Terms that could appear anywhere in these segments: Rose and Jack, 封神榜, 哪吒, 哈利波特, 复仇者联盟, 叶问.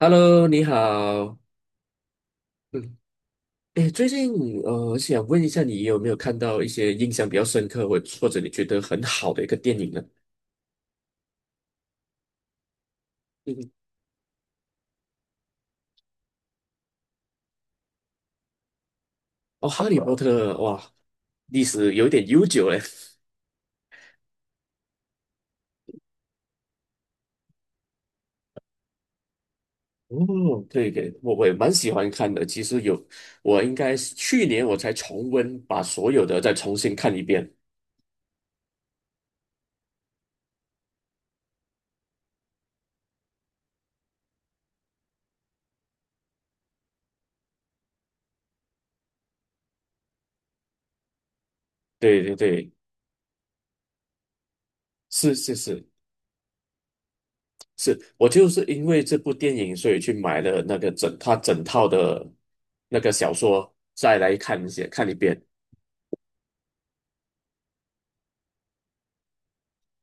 Hello，你好。嗯，哎，最近我想问一下，你有没有看到一些印象比较深刻，或者你觉得很好的一个电影呢？嗯，哦，《哈利波特》哇，历史有点悠久嘞。哦，对对，我也蛮喜欢看的。其实有，我应该是去年我才重温，把所有的再重新看一遍。对对对，是是是。是我就是因为这部电影，所以去买了那个整套的那个小说，再来看一些看一遍。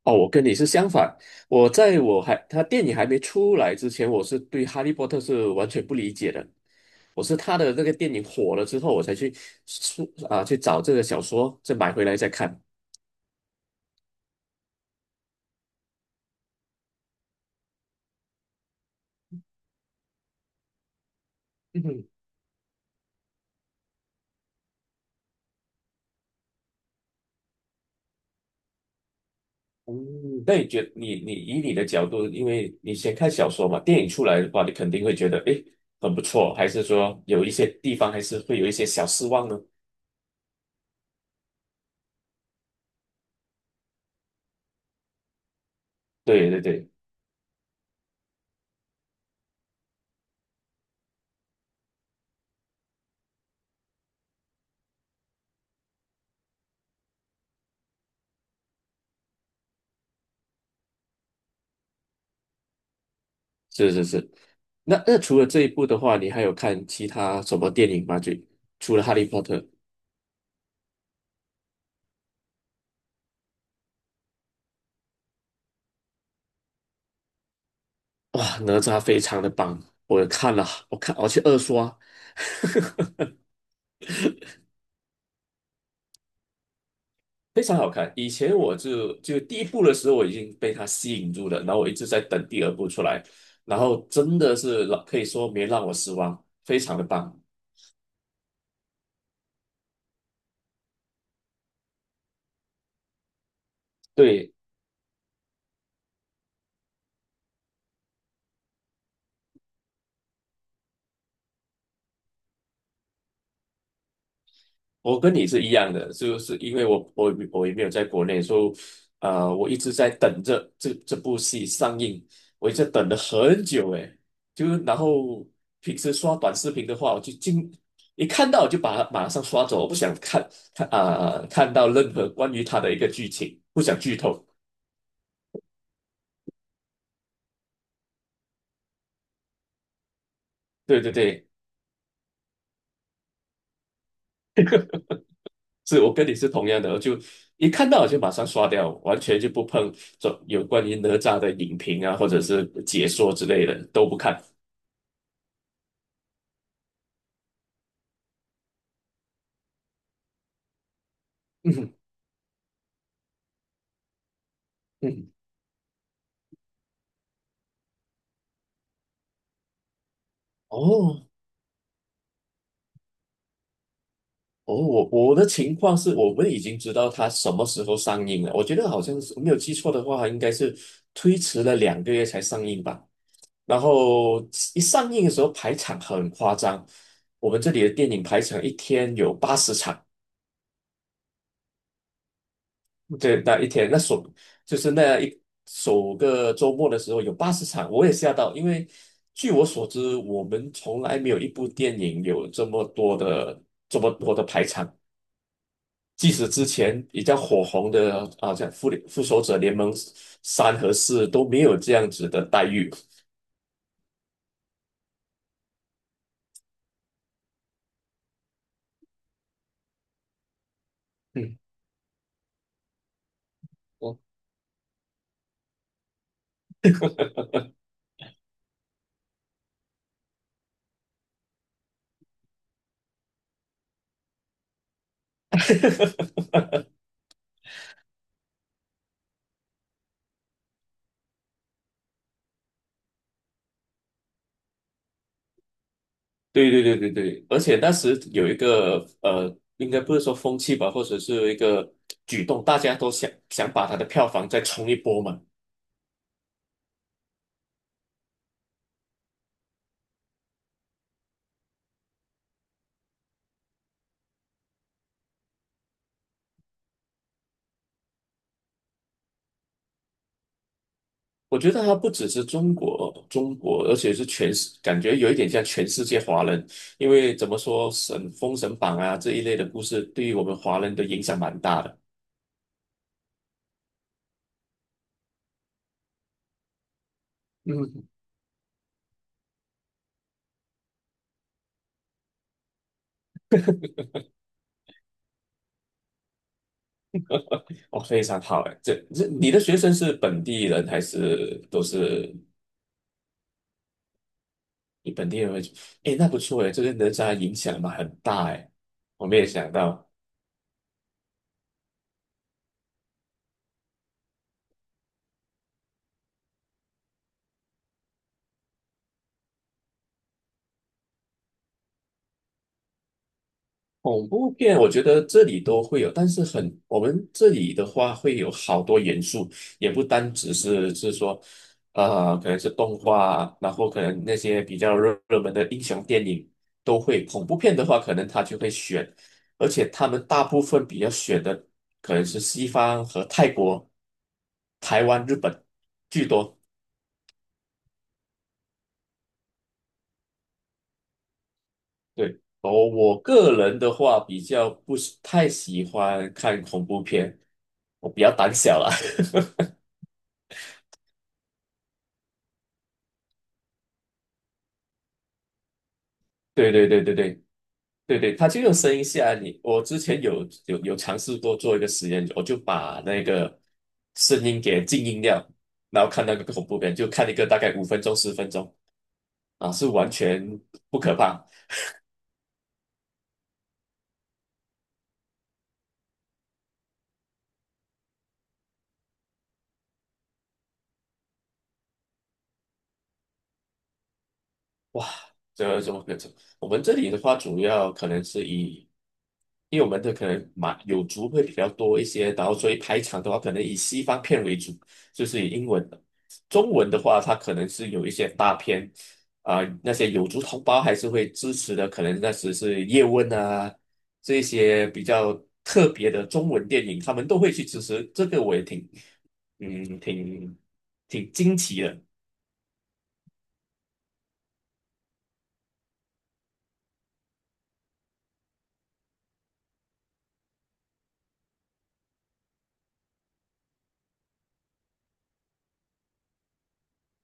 哦，我跟你是相反，我还他电影还没出来之前，我是对《哈利波特》是完全不理解的。我是他的那个电影火了之后，我才去出啊去找这个小说，再买回来再看。嗯，那你以你的角度，因为你先看小说嘛，电影出来的话，你肯定会觉得诶很不错，还是说有一些地方还是会有一些小失望呢？对对对，是是是。那除了这一部的话，你还有看其他什么电影吗？就除了《哈利波特》，哇，哪吒非常的棒，我看了，我去二刷，非常好看。以前我就第一部的时候，我已经被它吸引住了，然后我一直在等第二部出来，然后真的是可以说没让我失望，非常的棒。对。我跟你是一样的，就是因为我也没有在国内，所以我一直在等着这部戏上映，我一直等了很久诶，然后平时刷短视频的话，我就一看到我就把它马上刷走，我不想看到任何关于他的一个剧情，不想剧透。对对对，是我跟你是同样的，我就一看到我就马上刷掉，完全就不碰这有关于哪吒的影评啊，或者是解说之类的都不看。嗯，哦哦，我的情况是我们已经知道它什么时候上映了。我觉得好像是没有记错的话，应该是推迟了2个月才上映吧。然后一上映的时候排场很夸张，我们这里的电影排场一天有八十场，对，那一天就是那一首个周末的时候有八十场，我也吓到，因为据我所知，我们从来没有一部电影有这么多的排场。即使之前比较火红的啊，像《复仇者联盟三》和四都没有这样子的待遇。嗯，哦，对对对对对，而且当时有一个应该不是说风气吧，或者是一个举动，大家都想把它的票房再冲一波嘛。我觉得它不只是中国，而且是感觉有一点像全世界华人，因为怎么说，《封神榜》啊这一类的故事，对于我们华人的影响蛮大的。嗯。哦，非常好哎，这你的学生是本地人还是都是你本地人会？哎，那不错哎，这个人才影响嘛很大哎，我没有想到。恐怖片，我觉得这里都会有，但是很，我们这里的话会有好多元素，也不单只是说，可能是动画啊，然后可能那些比较热门的英雄电影都会。恐怖片的话，可能他就会选，而且他们大部分比较选的可能是西方和泰国、台湾、日本居多。对，我个人的话比较不是太喜欢看恐怖片，我比较胆小啦。对对对对对对对，他就用声音吓你。我之前有尝试过做一个实验，我就把那个声音给静音掉，然后看那个恐怖片，就看一个大概5分钟10分钟啊，是完全不可怕。哇，这么这能？我们这里的话，主要可能是以，因为我们的可能马有族会比较多一些，然后所以排场的话，可能以西方片为主，就是以英文的。中文的话，它可能是有一些大片，啊、那些有族同胞还是会支持的，可能那时是叶问啊，这些比较特别的中文电影，他们都会去支持，这个我也挺，嗯，挺惊奇的。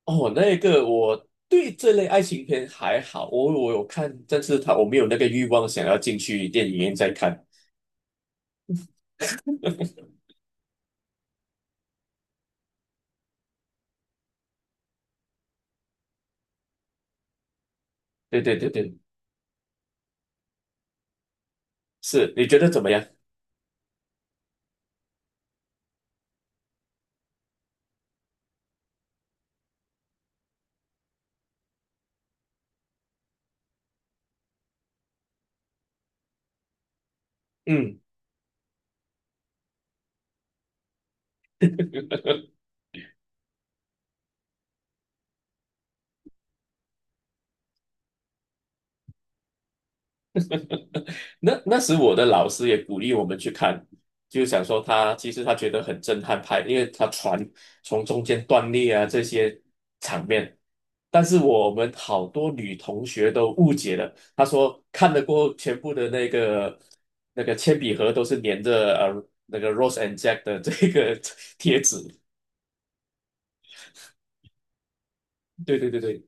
哦，那个我对这类爱情片还好，我有看，但是他我没有那个欲望想要进去电影院再看。对对对对，是，你觉得怎么样？嗯。那时我的老师也鼓励我们去看，就想说他其实他觉得很震撼拍，因为他船从中间断裂啊这些场面。但是我们好多女同学都误解了，她说看得过后全部的那个铅笔盒都是粘着那个 Rose and Jack 的这个 贴纸。对对对对，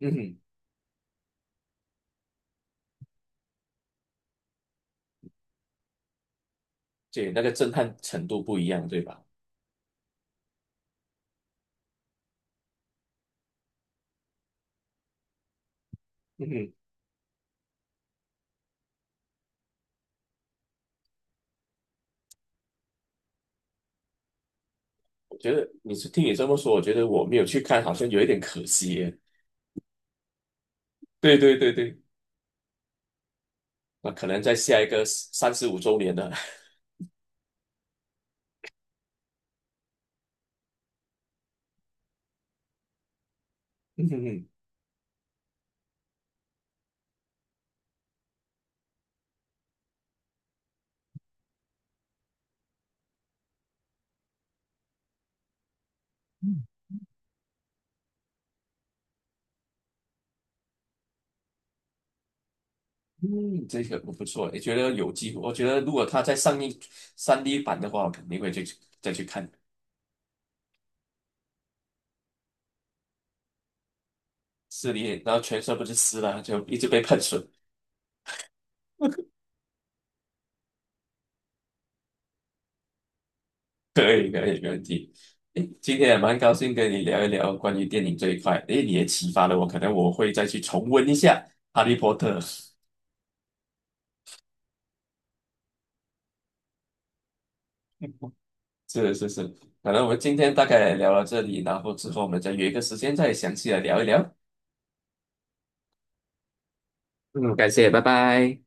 嗯哼，对，那个震撼程度不一样，对吧？嗯哼，我觉得听你这么说，我觉得我没有去看，好像有一点可惜耶。对对对对，那可能在下一个35周年的，嗯嗯，嗯这个不错，也觉得有机会。我觉得如果他再上映3D 版的话，我肯定会去再去看4D 然后全身不是湿了，就一直被喷水。可以可以，没问题。诶，今天也蛮高兴跟你聊一聊关于电影这一块。诶，你也启发了我，可能我会再去重温一下《哈利波特》。是是是，可能我们今天大概聊到这里，然后之后我们再约一个时间再详细的聊一聊。嗯，感谢，拜拜。